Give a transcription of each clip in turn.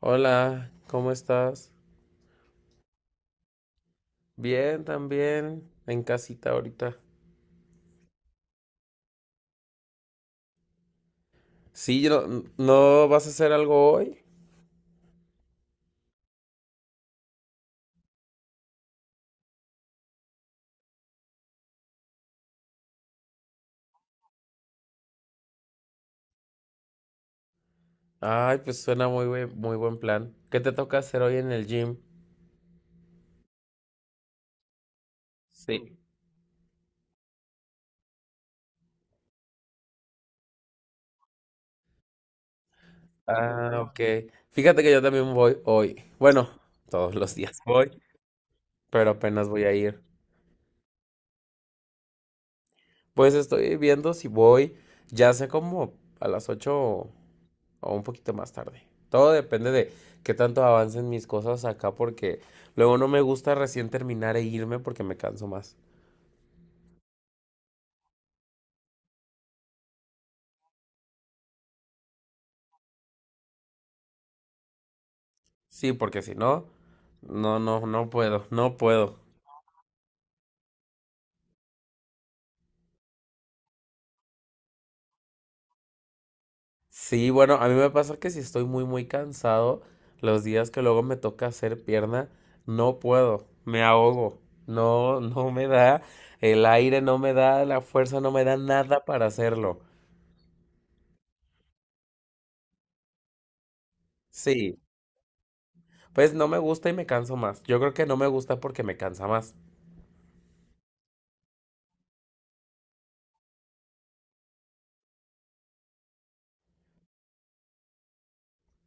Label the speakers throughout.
Speaker 1: Hola, ¿cómo estás? Bien, también, en casita ahorita. Sí, no, ¿no vas a hacer algo hoy? Ay, pues suena muy buen plan. ¿Qué te toca hacer hoy en el gym? Sí. Ah, ok. Fíjate que yo también voy hoy. Bueno, todos los días voy, pero apenas voy a ir. Pues estoy viendo si voy, ya sé como a las 8 o un poquito más tarde. Todo depende de qué tanto avancen mis cosas acá porque luego no me gusta recién terminar e irme porque me canso más. Sí, porque si no, no, no, no puedo, no puedo. Sí, bueno, a mí me pasa que si estoy muy, muy cansado, los días que luego me toca hacer pierna, no puedo, me ahogo. No, no me da el aire, no me da la fuerza, no me da nada para hacerlo. Sí, pues no me gusta y me canso más. Yo creo que no me gusta porque me cansa más.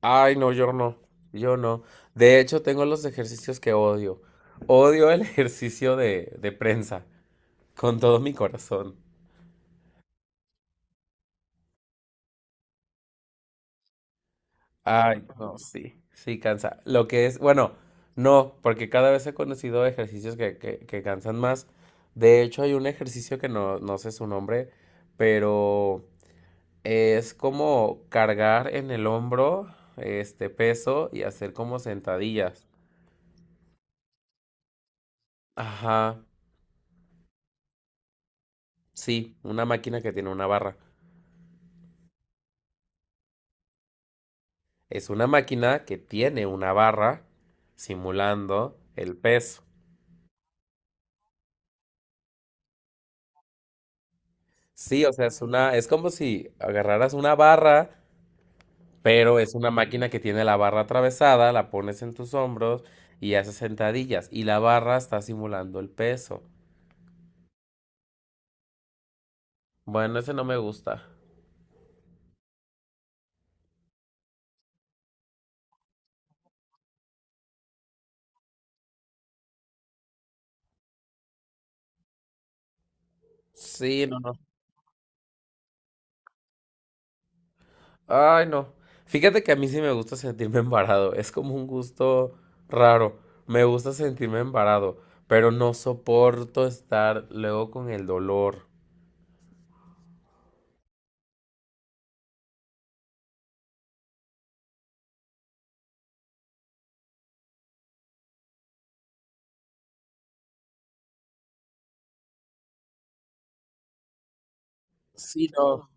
Speaker 1: Ay, no, yo no, yo no. De hecho, tengo los ejercicios que odio. Odio el ejercicio de prensa, con todo mi corazón. Ay, no, sí, sí cansa. Lo que es, bueno, no, porque cada vez he conocido ejercicios que cansan más. De hecho, hay un ejercicio que no, no sé su nombre, pero es como cargar en el hombro este peso y hacer como sentadillas. Ajá, sí, una máquina que tiene una barra. Es una máquina que tiene una barra simulando el peso. Sí, o sea, es como si agarraras una barra, pero es una máquina que tiene la barra atravesada, la pones en tus hombros y haces sentadillas. Y la barra está simulando el peso. Bueno, ese no me gusta. Sí, no, no. Ay, no. Fíjate que a mí sí me gusta sentirme embarado. Es como un gusto raro. Me gusta sentirme embarado, pero no soporto estar luego con el dolor. Sí, no.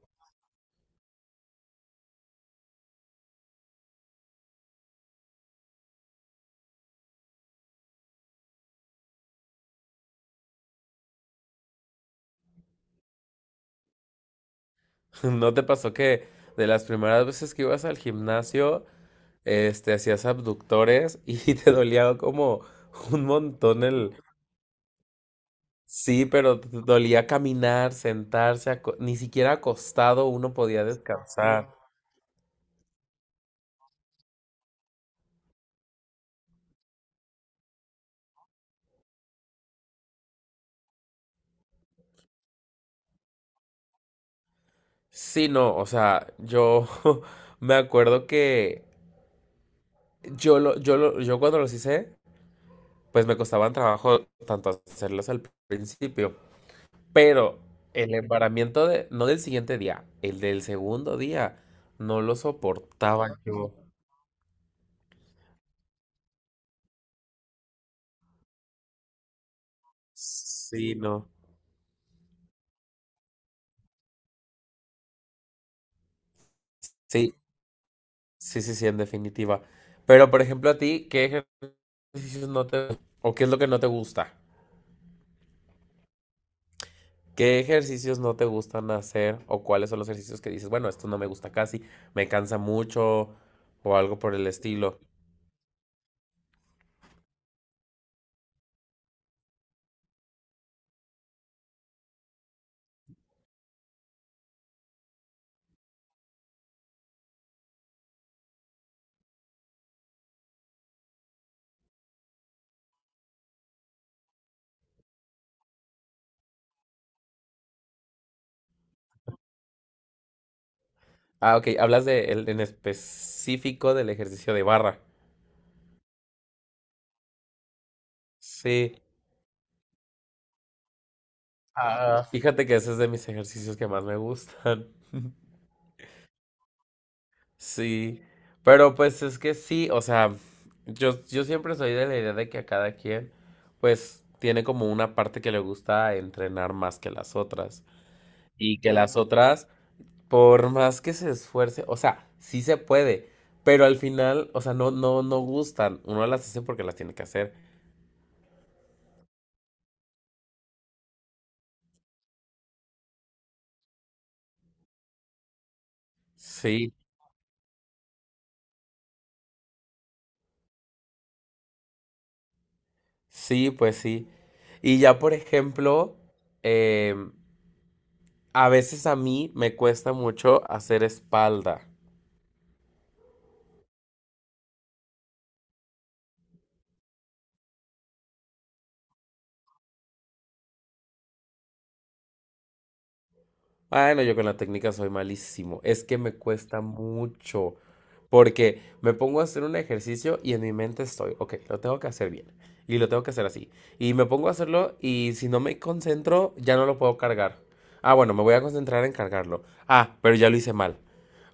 Speaker 1: ¿No te pasó que de las primeras veces que ibas al gimnasio, hacías abductores y te dolía como un montón el... Sí, pero te dolía caminar, sentarse, ni siquiera acostado uno podía descansar. Sí, no, o sea, yo me acuerdo que yo cuando los hice, pues me costaban trabajo tanto hacerlos al principio. Pero el embaramiento no del siguiente día, el del segundo día, no lo soportaba yo. Sí, no. Sí, sí, sí, sí, en definitiva. Pero, por ejemplo, a ti, ¿qué ejercicios no te... o qué es lo que no te gusta? ¿Qué ejercicios no te gustan hacer o cuáles son los ejercicios que dices, bueno, esto no me gusta casi, me cansa mucho o algo por el estilo? Ah, ok, hablas en específico del ejercicio de barra. Sí. Ah, fíjate que ese es de mis ejercicios que más me gustan. Sí, pero pues es que sí, o sea, yo siempre soy de la idea de que a cada quien, pues, tiene como una parte que le gusta entrenar más que las otras. Y que las otras, por más que se esfuerce, o sea, sí se puede, pero al final, o sea, no, no, no gustan. Uno las hace porque las tiene que hacer. Sí, sí, pues sí. Y ya, por ejemplo, em, A veces a mí me cuesta mucho hacer espalda. Bueno, yo con la técnica soy malísimo. Es que me cuesta mucho. Porque me pongo a hacer un ejercicio y en mi mente estoy, ok, lo tengo que hacer bien. Y lo tengo que hacer así. Y me pongo a hacerlo y si no me concentro, ya no lo puedo cargar. Ah, bueno, me voy a concentrar en cargarlo. Ah, pero ya lo hice mal.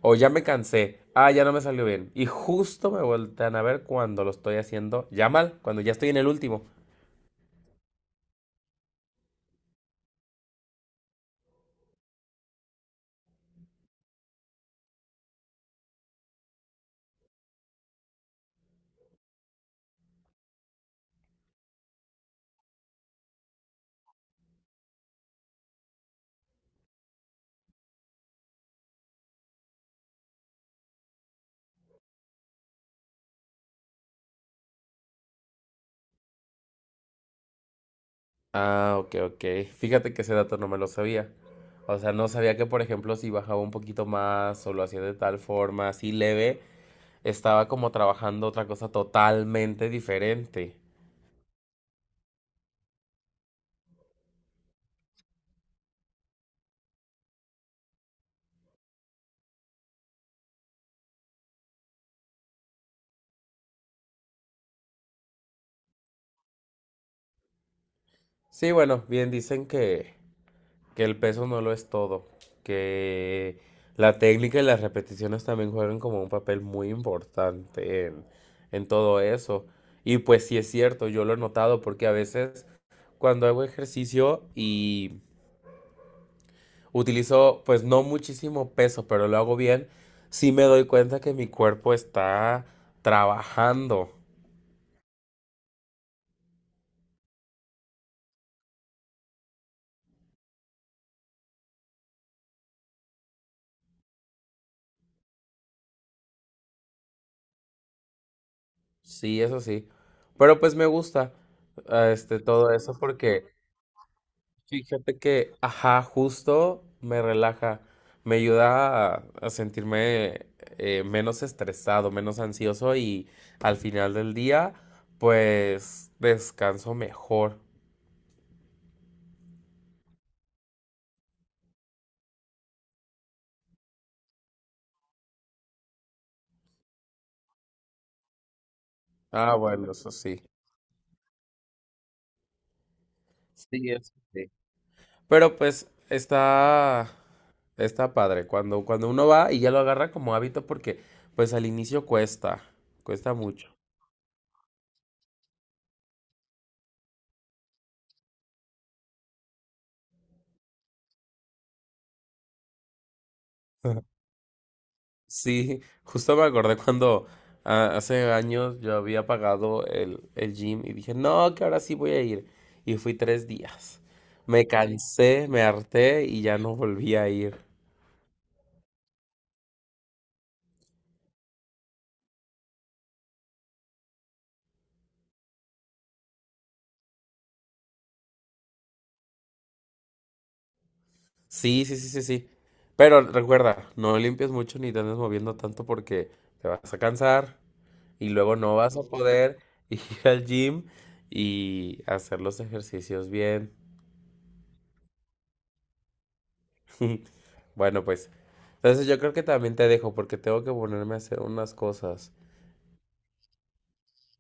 Speaker 1: O ya me cansé. Ah, ya no me salió bien. Y justo me voltean a ver cuando lo estoy haciendo ya mal, cuando ya estoy en el último. Ah, ok, ok. Fíjate que ese dato no me lo sabía. O sea, no sabía que, por ejemplo, si bajaba un poquito más o lo hacía de tal forma, así leve, estaba como trabajando otra cosa totalmente diferente. Sí, bueno, bien dicen que, el peso no lo es todo, que la técnica y las repeticiones también juegan como un papel muy importante en todo eso. Y pues sí es cierto, yo lo he notado porque a veces cuando hago ejercicio y utilizo, pues no muchísimo peso, pero lo hago bien. Sí me doy cuenta que mi cuerpo está trabajando. Sí, eso sí. Pero pues me gusta todo eso porque fíjate que, ajá, justo me relaja, me ayuda a sentirme menos estresado, menos ansioso y al final del día, pues descanso mejor. Ah, bueno, eso sí. Sí, eso sí. Pero pues está padre cuando uno va y ya lo agarra como hábito porque pues al inicio cuesta, cuesta mucho. Sí, justo me acordé cuando hace años yo había pagado el gym y dije, no, que ahora sí voy a ir. Y fui 3 días. Me cansé, me harté y ya no volví a ir. Sí, sí, sí, sí, sí. Pero recuerda, no limpies mucho ni te andes moviendo tanto porque te vas a cansar, y luego no vas a poder ir al gym y hacer los ejercicios bien. Bueno, pues, entonces yo creo que también te dejo porque tengo que ponerme a hacer unas cosas.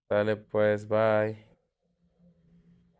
Speaker 1: Dale, pues, bye.